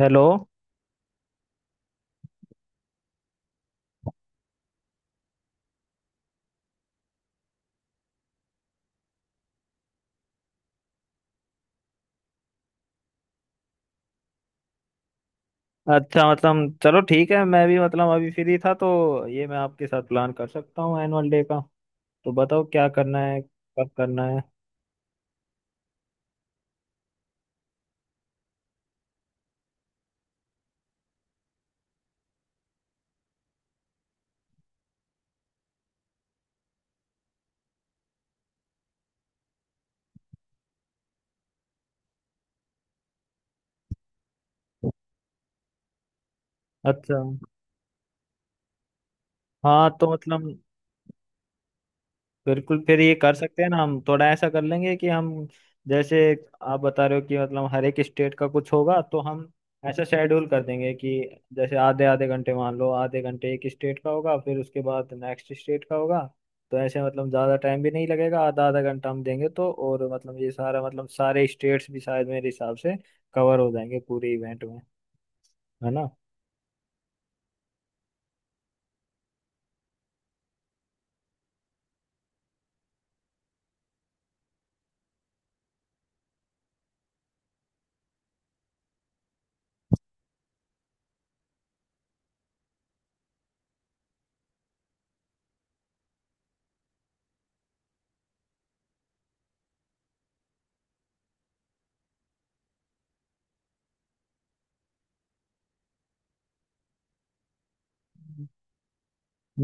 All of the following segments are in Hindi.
हेलो। अच्छा, मतलब चलो ठीक है, मैं भी मतलब अभी फ्री था तो ये मैं आपके साथ प्लान कर सकता हूँ एनुअल डे का। तो बताओ क्या करना है, कब करना है। अच्छा। हाँ, तो मतलब बिल्कुल, फिर ये कर सकते हैं ना। हम थोड़ा ऐसा कर लेंगे कि हम, जैसे आप बता रहे हो कि मतलब हर एक स्टेट का कुछ होगा, तो हम ऐसा शेड्यूल कर देंगे कि जैसे आधे आधे घंटे, मान लो आधे घंटे एक स्टेट का होगा, फिर उसके बाद नेक्स्ट स्टेट का होगा। तो ऐसे मतलब ज़्यादा टाइम भी नहीं लगेगा, आधा आधा घंटा हम देंगे तो, और मतलब ये सारा मतलब सारे स्टेट्स भी शायद मेरे हिसाब से कवर हो जाएंगे पूरे इवेंट में। है ना।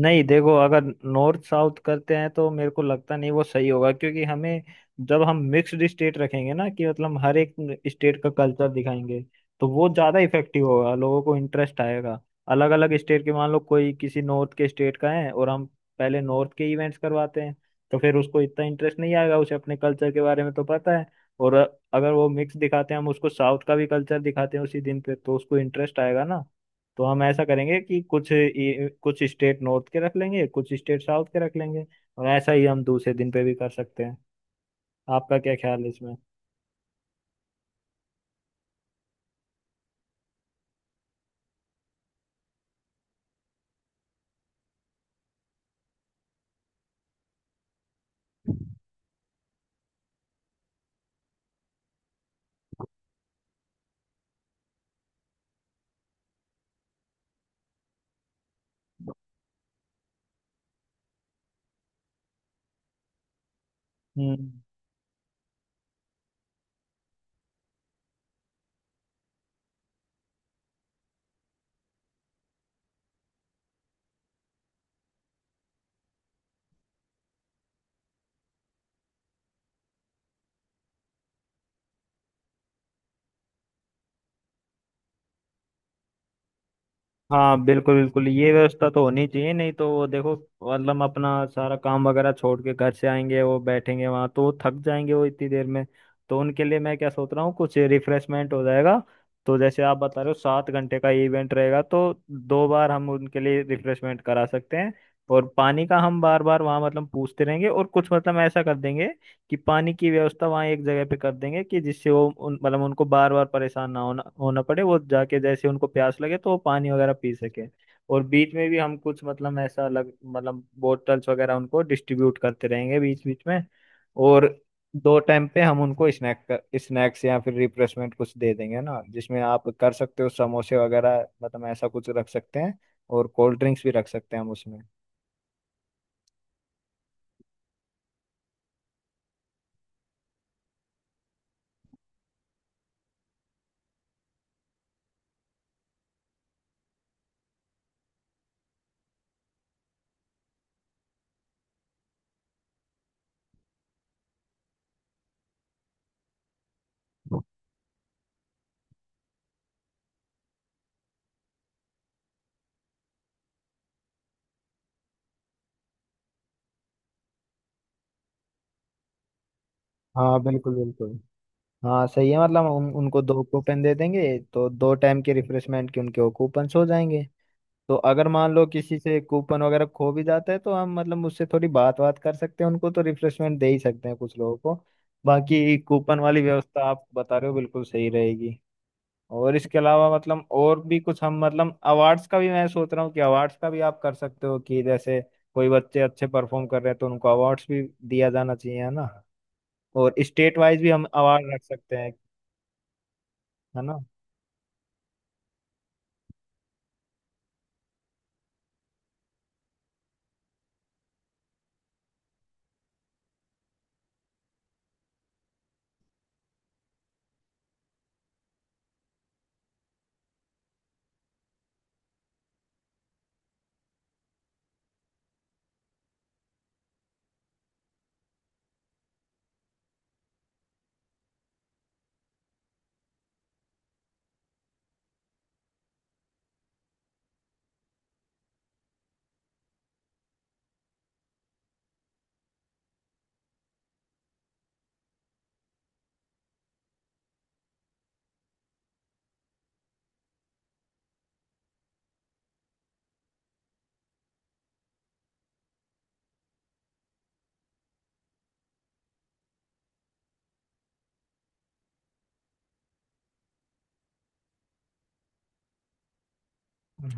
नहीं देखो, अगर नॉर्थ साउथ करते हैं तो मेरे को लगता नहीं वो सही होगा, क्योंकि हमें जब हम मिक्स्ड स्टेट रखेंगे ना कि मतलब हर एक स्टेट का कल्चर दिखाएंगे, तो वो ज़्यादा इफेक्टिव होगा, लोगों को इंटरेस्ट आएगा। अलग अलग स्टेट के मान लो कोई किसी नॉर्थ के स्टेट का है और हम पहले नॉर्थ के इवेंट्स करवाते हैं, तो फिर उसको इतना इंटरेस्ट नहीं आएगा, उसे अपने कल्चर के बारे में तो पता है। और अगर वो मिक्स दिखाते हैं, हम उसको साउथ का भी कल्चर दिखाते हैं उसी दिन पे, तो उसको इंटरेस्ट आएगा ना। तो हम ऐसा करेंगे कि कुछ स्टेट नॉर्थ के रख लेंगे, कुछ स्टेट साउथ के रख लेंगे। और ऐसा ही हम दूसरे दिन पे भी कर सकते हैं। आपका क्या ख्याल है इसमें। हम्म। हाँ बिल्कुल बिल्कुल, ये व्यवस्था तो होनी चाहिए, नहीं तो वो देखो मतलब अपना सारा काम वगैरह छोड़ के घर से आएंगे, वो बैठेंगे वहां तो वो थक जाएंगे वो इतनी देर में। तो उनके लिए मैं क्या सोच रहा हूँ कुछ रिफ्रेशमेंट हो जाएगा। तो जैसे आप बता रहे हो 7 घंटे का इवेंट रहेगा, तो दो बार हम उनके लिए रिफ्रेशमेंट करा सकते हैं। और पानी का हम बार बार वहाँ मतलब पूछते रहेंगे और कुछ मतलब ऐसा कर देंगे कि पानी की व्यवस्था वहाँ एक जगह पे कर देंगे कि जिससे वो उन मतलब उनको बार बार परेशान ना होना होना पड़े, वो जाके जैसे उनको प्यास लगे तो वो पानी वगैरह पी सके। और बीच में भी हम कुछ मतलब ऐसा अलग मतलब बोतल्स वगैरह उनको डिस्ट्रीब्यूट करते रहेंगे बीच बीच में। और दो टाइम पे हम उनको स्नैक्स या फिर रिफ्रेशमेंट कुछ दे देंगे ना, जिसमें आप कर सकते हो समोसे वगैरह मतलब ऐसा कुछ रख सकते हैं। और कोल्ड ड्रिंक्स भी रख सकते हैं हम उसमें। हाँ बिल्कुल बिल्कुल। हाँ सही है, मतलब उनको दो कूपन दे देंगे तो दो टाइम के रिफ्रेशमेंट के उनके वो कूपन्स हो जाएंगे। तो अगर मान लो किसी से कूपन वगैरह खो भी जाता है तो हम मतलब उससे थोड़ी बात बात कर सकते हैं, उनको तो रिफ्रेशमेंट दे ही सकते हैं कुछ लोगों को। बाकी कूपन वाली व्यवस्था आप बता रहे हो बिल्कुल सही रहेगी। और इसके अलावा मतलब और भी कुछ हम मतलब अवार्ड्स का भी मैं सोच रहा हूँ कि अवार्ड्स का भी आप कर सकते हो कि जैसे कोई बच्चे अच्छे परफॉर्म कर रहे हैं तो उनको अवार्ड्स भी दिया जाना चाहिए। है ना। और स्टेट वाइज भी हम अवार्ड रख सकते हैं। है ना।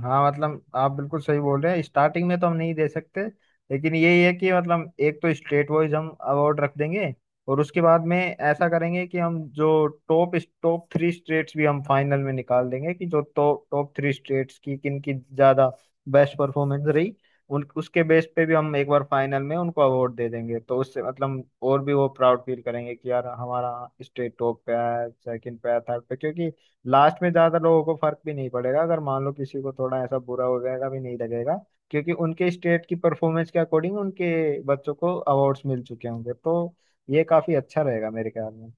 हाँ मतलब आप बिल्कुल सही बोल रहे हैं, स्टार्टिंग में तो हम नहीं दे सकते। लेकिन यही है कि मतलब एक तो स्टेट वाइज हम अवार्ड रख देंगे, और उसके बाद में ऐसा करेंगे कि हम जो टॉप टॉप थ्री स्टेट्स भी हम फाइनल में निकाल देंगे कि जो टॉप टॉप थ्री स्टेट्स की किन की ज्यादा बेस्ट परफॉर्मेंस रही, उन उसके बेस पे भी हम एक बार फाइनल में उनको अवार्ड दे देंगे। तो उससे मतलब और भी वो प्राउड फील करेंगे कि यार हमारा स्टेट टॉप पे आया, सेकंड पे आया, थर्ड पे। क्योंकि लास्ट में ज्यादा लोगों को फर्क भी नहीं पड़ेगा, अगर मान लो किसी को थोड़ा ऐसा बुरा हो जाएगा भी नहीं लगेगा, क्योंकि उनके स्टेट की परफॉर्मेंस के अकॉर्डिंग उनके बच्चों को अवार्ड्स मिल चुके होंगे। तो ये काफी अच्छा रहेगा मेरे ख्याल में।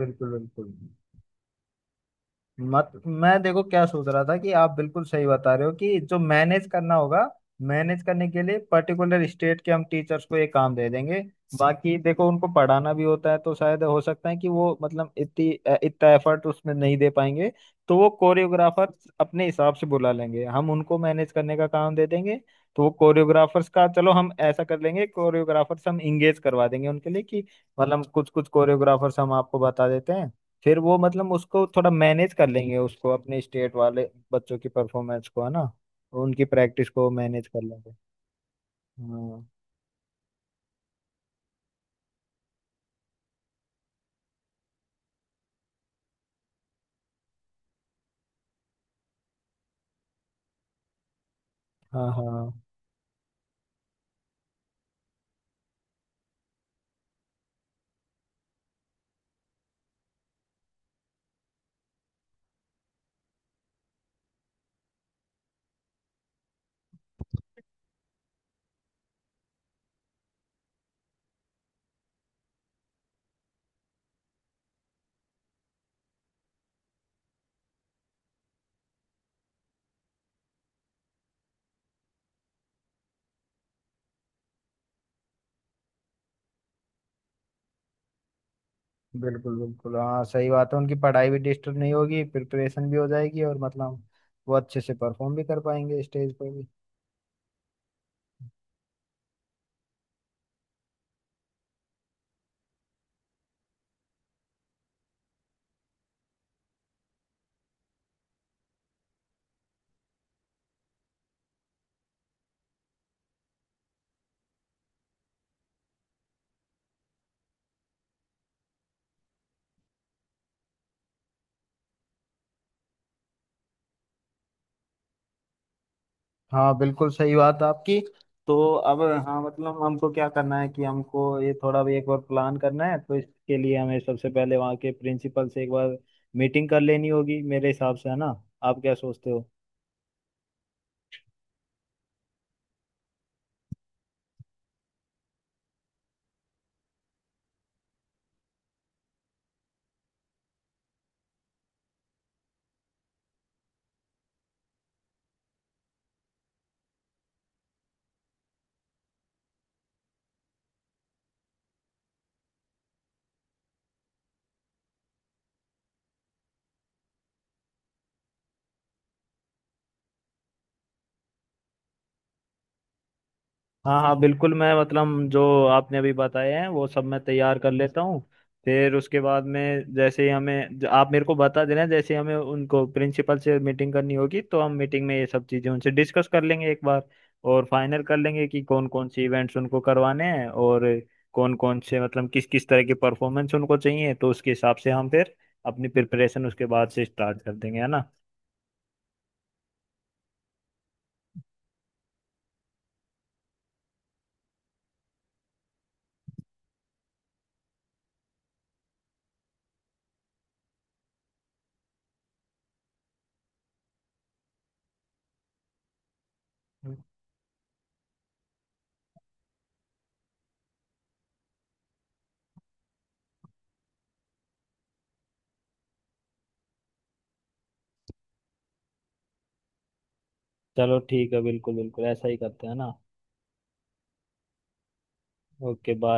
बिल्कुल बिल्कुल। मत मैं देखो क्या सोच रहा था कि आप बिल्कुल सही बता रहे हो कि जो मैनेज करना होगा, मैनेज करने के लिए पर्टिकुलर स्टेट के हम टीचर्स को ये काम दे देंगे। बाकी देखो उनको पढ़ाना भी होता है तो शायद हो सकता है कि वो मतलब इतना एफर्ट उसमें नहीं दे पाएंगे। तो वो कोरियोग्राफर अपने हिसाब से बुला लेंगे हम उनको मैनेज करने का काम दे देंगे। तो वो कोरियोग्राफर्स का चलो हम ऐसा कर लेंगे, कोरियोग्राफर्स हम इंगेज करवा देंगे उनके लिए कि मतलब कुछ कुछ कोरियोग्राफर्स हम आपको बता देते हैं। फिर वो मतलब उसको थोड़ा मैनेज कर लेंगे, उसको अपने स्टेट वाले बच्चों की परफॉर्मेंस को, है ना। उनकी प्रैक्टिस को मैनेज कर लेंगे। हाँ। हाँ हाँ बिल्कुल बिल्कुल, हाँ सही बात है, उनकी पढ़ाई भी डिस्टर्ब नहीं होगी, प्रिपरेशन भी हो जाएगी और मतलब वो अच्छे से परफॉर्म भी कर पाएंगे स्टेज पे भी। हाँ बिल्कुल सही बात है आपकी। तो अब, हाँ मतलब हमको क्या करना है कि हमको ये थोड़ा भी एक बार प्लान करना है, तो इसके लिए हमें सबसे पहले वहाँ के प्रिंसिपल से एक बार मीटिंग कर लेनी होगी मेरे हिसाब से। है ना। आप क्या सोचते हो। हाँ हाँ बिल्कुल, मैं मतलब जो आपने अभी बताए हैं वो सब मैं तैयार कर लेता हूँ। फिर उसके बाद में जैसे ही हमें आप मेरे को बता देना, जैसे ही हमें उनको प्रिंसिपल से मीटिंग करनी होगी, तो हम मीटिंग में ये सब चीज़ें उनसे डिस्कस कर लेंगे एक बार। और फाइनल कर लेंगे कि कौन कौन से इवेंट्स उनको करवाने हैं और कौन कौन से मतलब किस किस तरह की परफॉर्मेंस उनको चाहिए, तो उसके हिसाब से हम फिर अपनी प्रिपरेशन उसके बाद से स्टार्ट कर देंगे। है ना। चलो ठीक है बिल्कुल बिल्कुल ऐसा ही करते हैं ना। Okay bye.